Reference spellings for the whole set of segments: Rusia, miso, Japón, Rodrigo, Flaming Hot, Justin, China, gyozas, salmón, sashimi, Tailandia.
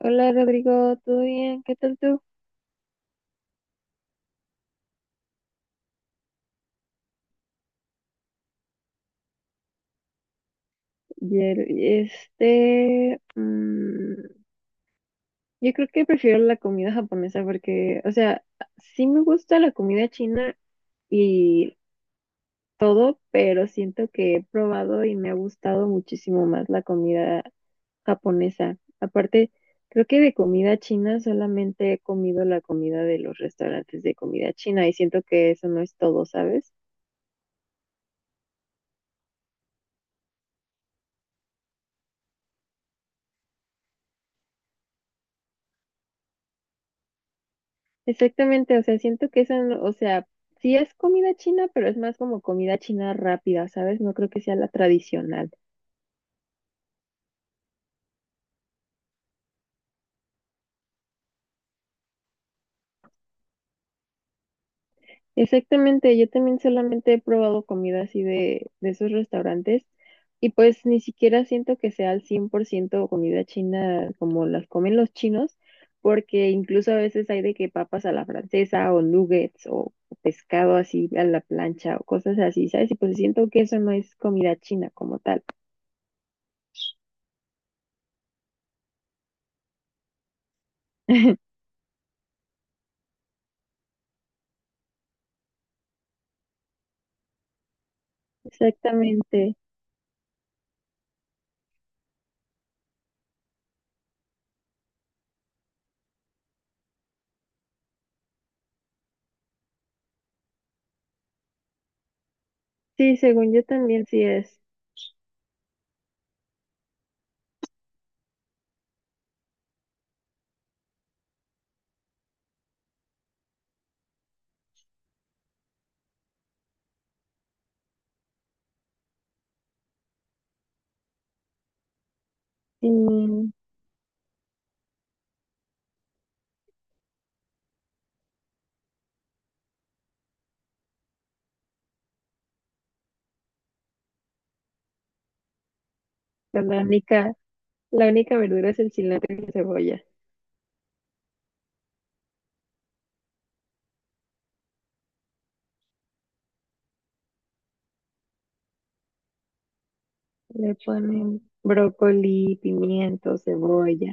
Hola Rodrigo, ¿todo bien? ¿Qué tal tú? Ayer, yo creo que prefiero la comida japonesa porque, o sea, sí me gusta la comida china y todo, pero siento que he probado y me ha gustado muchísimo más la comida japonesa. Aparte, creo que de comida china solamente he comido la comida de los restaurantes de comida china y siento que eso no es todo, ¿sabes? Exactamente, o sea, siento que eso, o sea, sí es comida china, pero es más como comida china rápida, ¿sabes? No creo que sea la tradicional. Exactamente, yo también solamente he probado comida así de esos restaurantes y pues ni siquiera siento que sea al 100% comida china como las comen los chinos, porque incluso a veces hay de que papas a la francesa o nuggets o pescado así a la plancha o cosas así, ¿sabes? Y pues siento que eso no es comida china como tal. Exactamente. Sí, según yo también sí es. Y pues, la única verdura es el cilantro y la cebolla. Le ponen brócoli, pimiento, cebolla.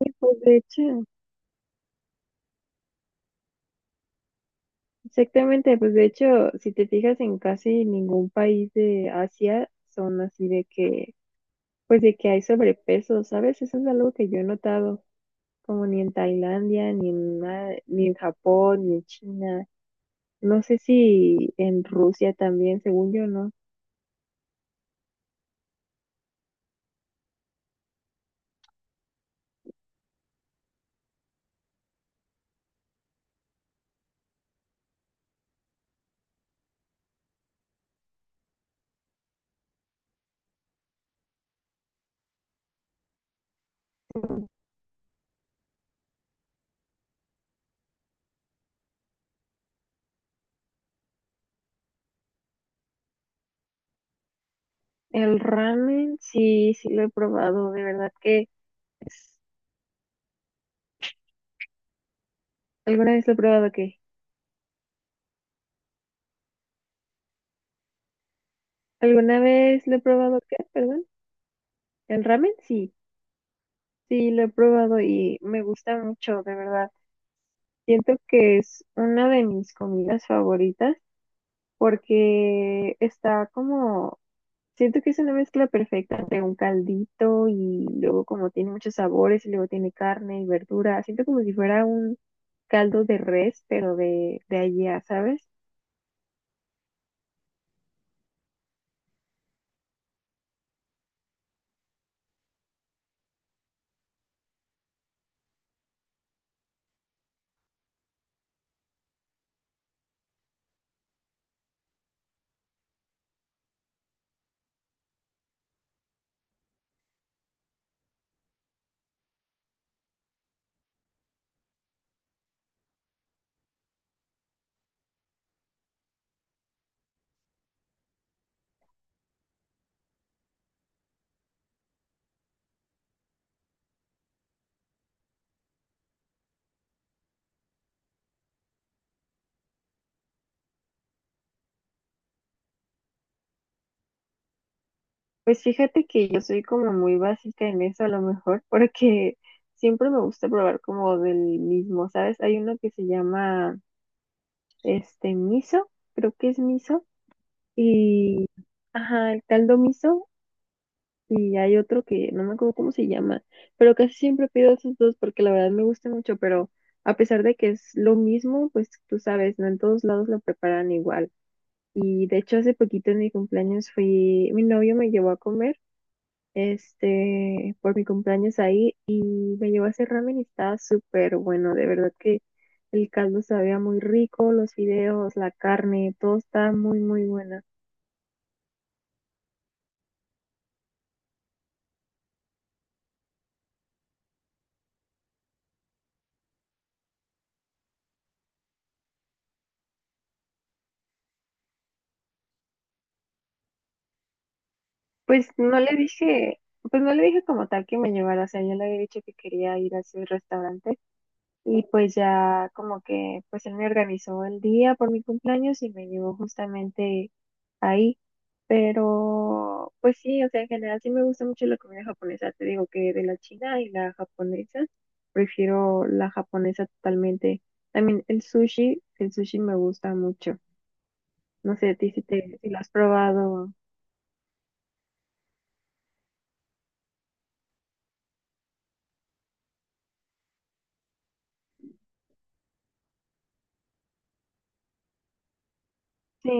Y pues de hecho, exactamente, pues de hecho, si te fijas en casi ningún país de Asia, son así de que, pues de que hay sobrepeso, ¿sabes? Eso es algo que yo he notado, como ni en Tailandia, ni en Japón, ni en China. No sé si en Rusia también, según yo, ¿no? El ramen, sí, sí lo he probado, de verdad que es- ¿Alguna vez lo he probado qué? ¿Alguna vez lo he probado qué? Perdón. ¿El ramen? Sí, sí lo he probado y me gusta mucho, de verdad. Siento que es una de mis comidas favoritas porque está como, siento que es una mezcla perfecta entre un caldito y luego como tiene muchos sabores y luego tiene carne y verdura. Siento como si fuera un caldo de res, pero de allá, ¿sabes? Pues fíjate que yo soy como muy básica en eso a lo mejor, porque siempre me gusta probar como del mismo, ¿sabes? Hay uno que se llama este miso, creo que es miso, y ajá, el caldo miso, y hay otro que no me acuerdo cómo se llama, pero casi siempre pido esos dos porque la verdad me gusta mucho, pero a pesar de que es lo mismo, pues tú sabes, no en todos lados lo preparan igual. Y de hecho hace poquito en mi cumpleaños fui, mi novio me llevó a comer. Este, por mi cumpleaños ahí y me llevó a ese ramen y estaba súper bueno, de verdad que el caldo sabía muy rico, los fideos, la carne, todo estaba muy, muy buena. Pues no le dije, pues no le dije como tal que me llevara, o sea, yo le había dicho que quería ir a ese restaurante. Y pues ya como que pues él me organizó el día por mi cumpleaños y me llevó justamente ahí. Pero pues sí, o sea, en general sí me gusta mucho la comida japonesa. Te digo que de la china y la japonesa, prefiero la japonesa totalmente. También el sushi me gusta mucho. No sé a ti si te, si lo has probado. Sí,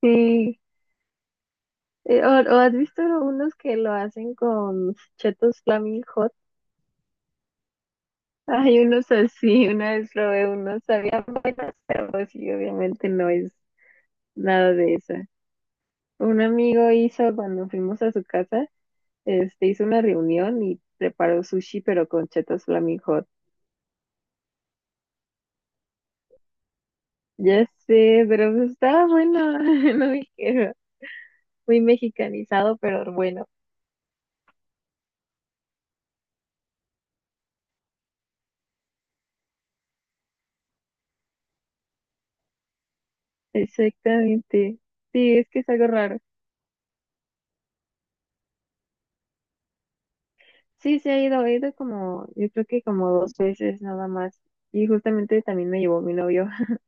sí. O has visto unos que lo hacen con chetos flaming. Hay unos así, una vez probé unos, sabían buenas, pero pues sí, obviamente no es nada de eso. Un amigo hizo, cuando fuimos a su casa, este, hizo una reunión y preparó sushi, pero con chetos Flaming Hot. Ya sé, pero pues estaba bueno, no dijeron, muy mexicanizado, pero bueno. Exactamente. Sí, es que es algo raro. Sí, se ha ido, he ido como, yo creo que como dos veces nada más. Y justamente también me llevó mi novio.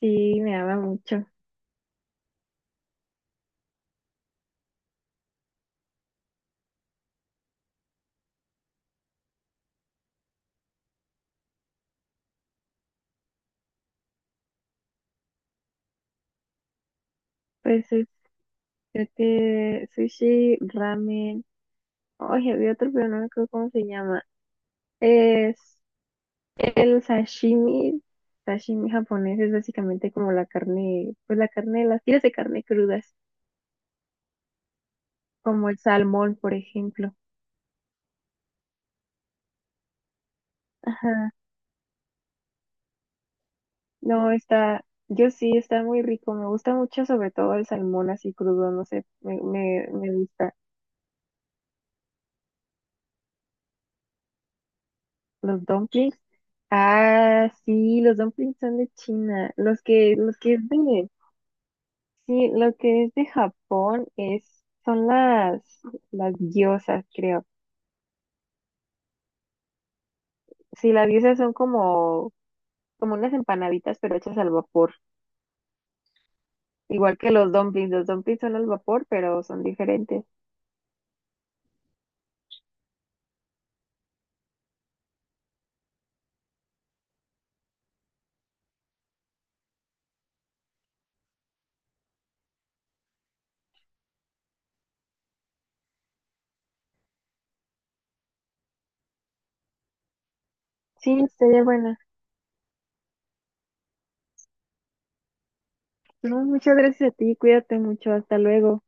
Sí, me ama mucho. Pues este, sushi, ramen. Oye, había otro, pero no me acuerdo cómo se llama. Es el sashimi. Sashimi japonés es básicamente como la carne, pues la carne, las tiras de carne crudas, como el salmón, por ejemplo. Ajá. No, está, yo sí, está muy rico. Me gusta mucho, sobre todo el salmón así crudo, no sé, me gusta. Los dumplings. Ah, sí, los dumplings son de China. Los que venden. Sí, lo que es de Japón es, son las gyozas, creo. Sí, las gyozas son como, como unas empanaditas, pero hechas al vapor. Igual que los dumplings. Los dumplings son al vapor, pero son diferentes. Sí, estaría buena. No, muchas gracias a ti, cuídate mucho, hasta luego.